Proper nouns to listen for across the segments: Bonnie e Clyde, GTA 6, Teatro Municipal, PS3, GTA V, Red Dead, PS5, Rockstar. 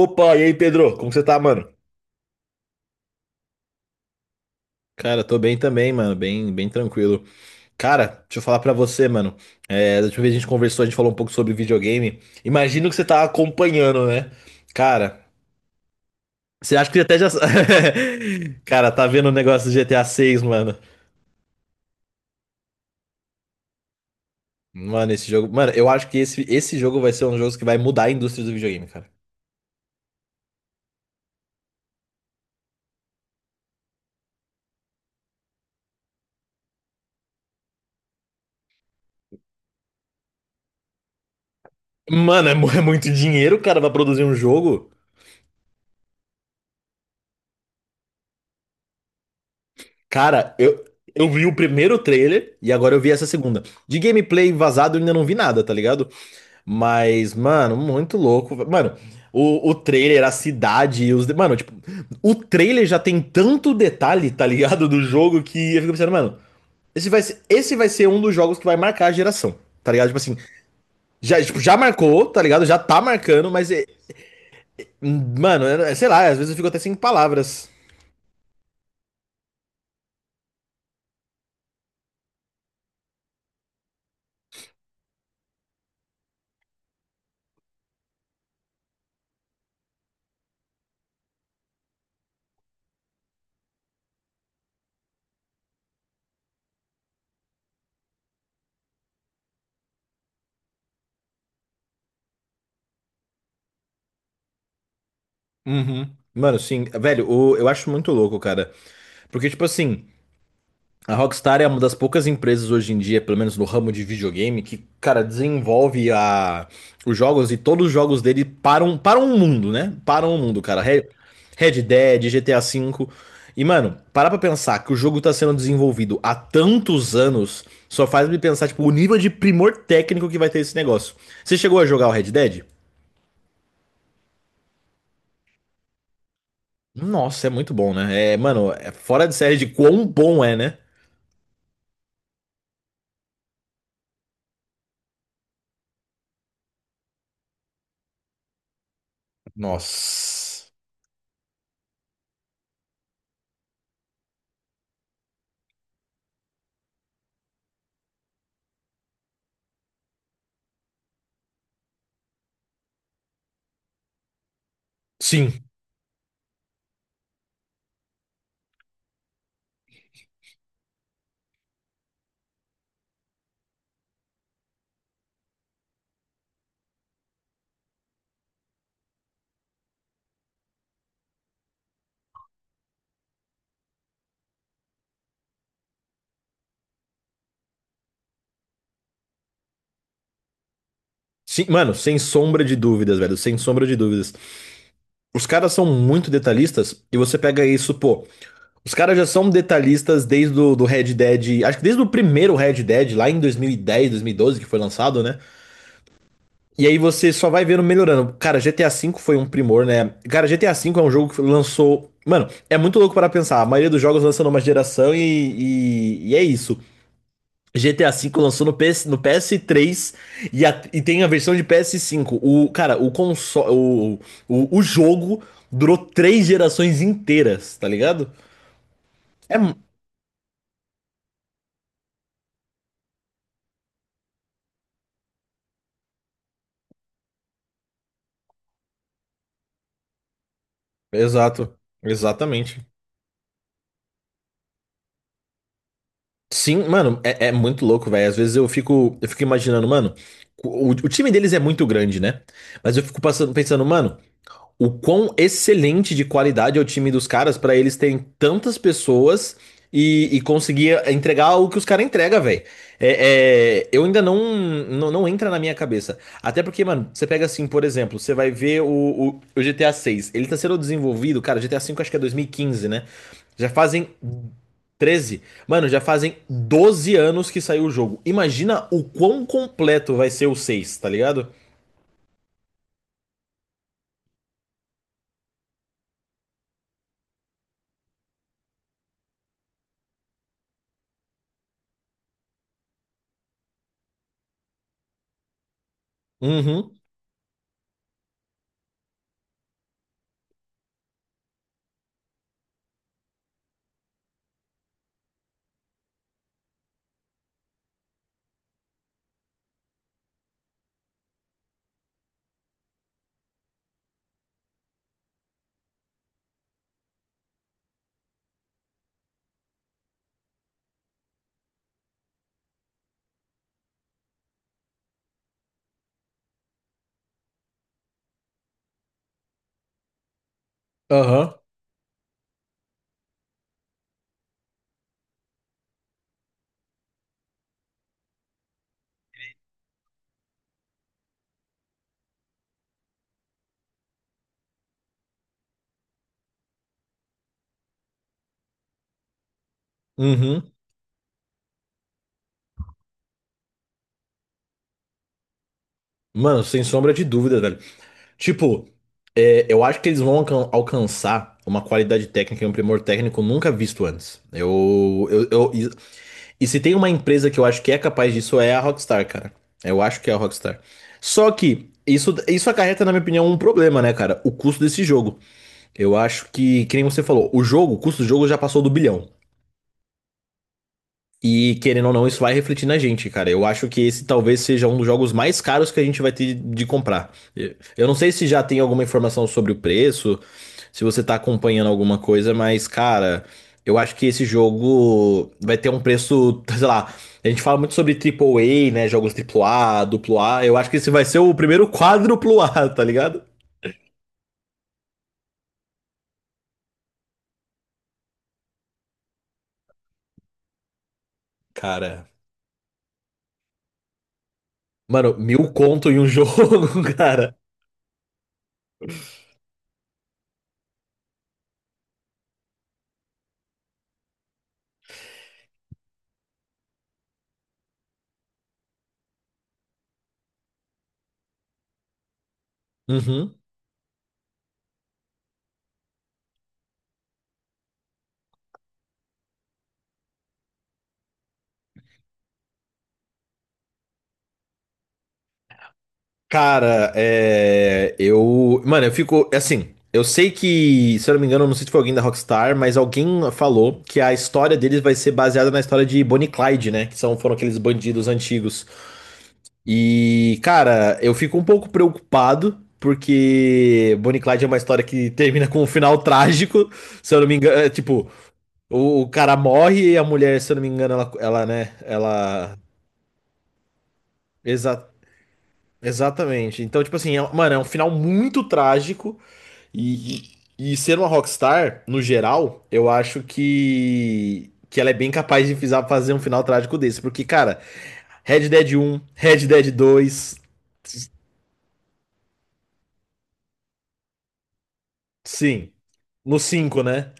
Opa, e aí, Pedro? Como você tá, mano? Cara, tô bem também, mano. Bem, bem tranquilo. Cara, deixa eu falar pra você, mano. É, da última vez que a gente conversou, a gente falou um pouco sobre videogame. Imagino que você tá acompanhando, né? Cara, você acha que até já. Cara, tá vendo o negócio do GTA 6, mano? Mano, esse jogo. Mano, eu acho que esse jogo vai ser um jogo que vai mudar a indústria do videogame, cara. Mano, é muito dinheiro, cara, pra produzir um jogo. Cara, eu vi o primeiro trailer e agora eu vi essa segunda. De gameplay vazado eu ainda não vi nada, tá ligado? Mas, mano, muito louco. Mano, o trailer, a cidade, mano, tipo, o trailer já tem tanto detalhe, tá ligado? Do jogo que eu fico pensando, mano, esse vai ser um dos jogos que vai marcar a geração, tá ligado? Tipo assim, já, tipo, já marcou, tá ligado? Já tá marcando, mas, mano, sei lá, às vezes eu fico até sem palavras. Uhum. Mano, sim, velho, eu acho muito louco, cara. Porque, tipo assim, a Rockstar é uma das poucas empresas hoje em dia, pelo menos no ramo de videogame, que, cara, desenvolve os jogos, e todos os jogos dele param o mundo, né? Param o mundo, cara. Red Dead, GTA V. E, mano, parar pra pensar que o jogo tá sendo desenvolvido há tantos anos só faz me pensar, tipo, o nível de primor técnico que vai ter esse negócio. Você chegou a jogar o Red Dead? Nossa, é muito bom, né? É, mano, é fora de série de quão bom é, né? Nossa. Sim. Sim, mano, sem sombra de dúvidas, velho, sem sombra de dúvidas. Os caras são muito detalhistas, e você pega isso, pô. Os caras já são detalhistas desde o do Red Dead, acho que desde o primeiro Red Dead, lá em dois mil e dez, 2012, que foi lançado, né? E aí você só vai vendo melhorando. Cara, GTA V foi um primor, né? Cara, GTA V é um jogo que lançou. Mano, é muito louco para pensar. A maioria dos jogos lança numa geração e é isso. GTA V lançou no PS3, e, e tem a versão de PS5. O, cara, o console. O jogo durou três gerações inteiras, tá ligado? É. mu- Exato. Exatamente. Sim, mano, é, é muito louco, velho. Às vezes eu fico imaginando, mano. O time deles é muito grande, né? Mas eu fico passando, pensando, mano, o quão excelente de qualidade é o time dos caras pra eles terem tantas pessoas e conseguir entregar o que os caras entregam, velho. É, eu ainda não, não entra na minha cabeça. Até porque, mano, você pega assim, por exemplo, você vai ver o GTA 6. Ele tá sendo desenvolvido, cara. GTA 5 acho que é 2015, né? Já fazem 13. Mano, já fazem 12 anos que saiu o jogo. Imagina o quão completo vai ser o seis, tá ligado? Uhum, aham, uhum. Mano, sem sombra de dúvida, velho. Tipo, é, eu acho que eles vão alcançar uma qualidade técnica e um primor técnico nunca visto antes. E se tem uma empresa que eu acho que é capaz disso, é a Rockstar, cara. Eu acho que é a Rockstar. Só que isso acarreta, na minha opinião, um problema, né, cara? O custo desse jogo. Eu acho que nem você falou, o jogo, o custo do jogo já passou do bilhão. E querendo ou não, isso vai refletir na gente, cara. Eu acho que esse talvez seja um dos jogos mais caros que a gente vai ter de comprar. Eu não sei se já tem alguma informação sobre o preço, se você tá acompanhando alguma coisa, mas, cara, eu acho que esse jogo vai ter um preço, sei lá. A gente fala muito sobre A, né? Jogos A, duplo A. Eu acho que esse vai ser o primeiro quádruplo A, tá ligado? Cara, mano, mil conto em um jogo, cara. Uhum. Cara, é, eu. Mano, eu fico. Assim, eu sei que, se eu não me engano, eu não sei se foi alguém da Rockstar, mas alguém falou que a história deles vai ser baseada na história de Bonnie e Clyde, né? Que são, foram aqueles bandidos antigos. E, cara, eu fico um pouco preocupado, porque Bonnie e Clyde é uma história que termina com um final trágico. Se eu não me engano, é, tipo, o cara morre, e a mulher, se eu não me engano, ela né? Ela. Exa- exatamente. Então, tipo assim, é- mano, é um final muito trágico. E ser uma Rockstar, no geral, eu acho que ela é bem capaz de fazer um final trágico desse. Porque, cara, Red Dead um, Red Dead dois, s- sim. No cinco, né?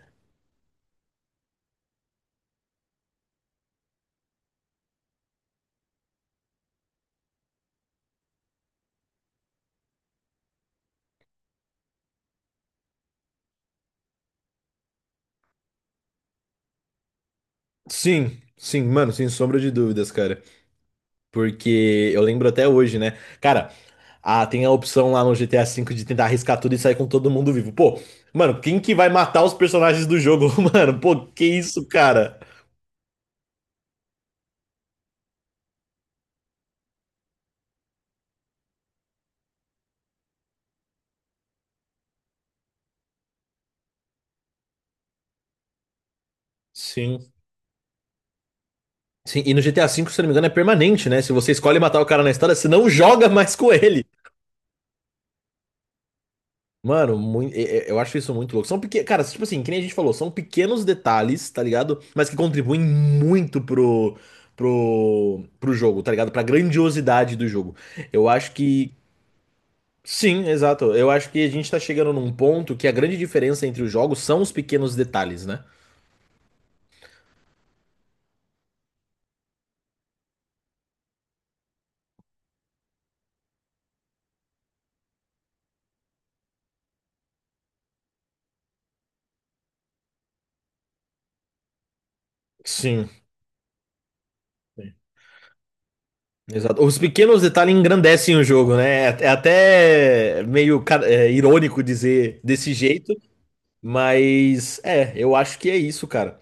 Sim, sim, mano, sem sombra de dúvidas, cara. Porque eu lembro até hoje, né? Cara, ah, tem a opção lá no GTA V de tentar arriscar tudo e sair com todo mundo vivo. Pô, mano, quem que vai matar os personagens do jogo, mano? Pô, que isso, cara? Sim. Sim, e no GTA V, se eu não me engano, é permanente, né? Se você escolhe matar o cara na história, você não joga mais com ele. Mano, eu acho isso muito louco. São pequenos. Cara, tipo assim, que nem a gente falou, são pequenos detalhes, tá ligado? Mas que contribuem muito pro jogo, tá ligado? Pra grandiosidade do jogo. Eu acho que. Sim, exato. Eu acho que a gente tá chegando num ponto que a grande diferença entre os jogos são os pequenos detalhes, né? Sim. Exato. Os pequenos detalhes engrandecem o jogo, né? É até meio irônico dizer desse jeito, mas é, eu acho que é isso, cara.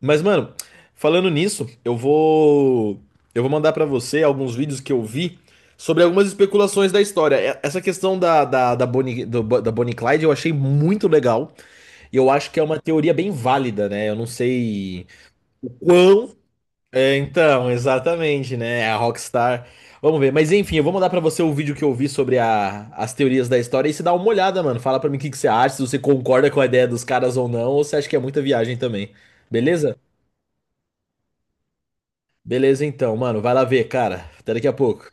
Mas, mano, falando nisso, eu vou mandar pra você alguns vídeos que eu vi sobre algumas especulações da história. Essa questão da Bonnie, da Bonnie e Clyde eu achei muito legal, e eu acho que é uma teoria bem válida, né? Eu não sei o quão é, então, exatamente, né? É a Rockstar. Vamos ver. Mas enfim, eu vou mandar pra você o vídeo que eu vi sobre as teorias da história, e você dá uma olhada, mano. Fala pra mim o que que você acha, se você concorda com a ideia dos caras ou não, ou se acha que é muita viagem também. Beleza? Beleza, então, mano. Vai lá ver, cara. Até daqui a pouco.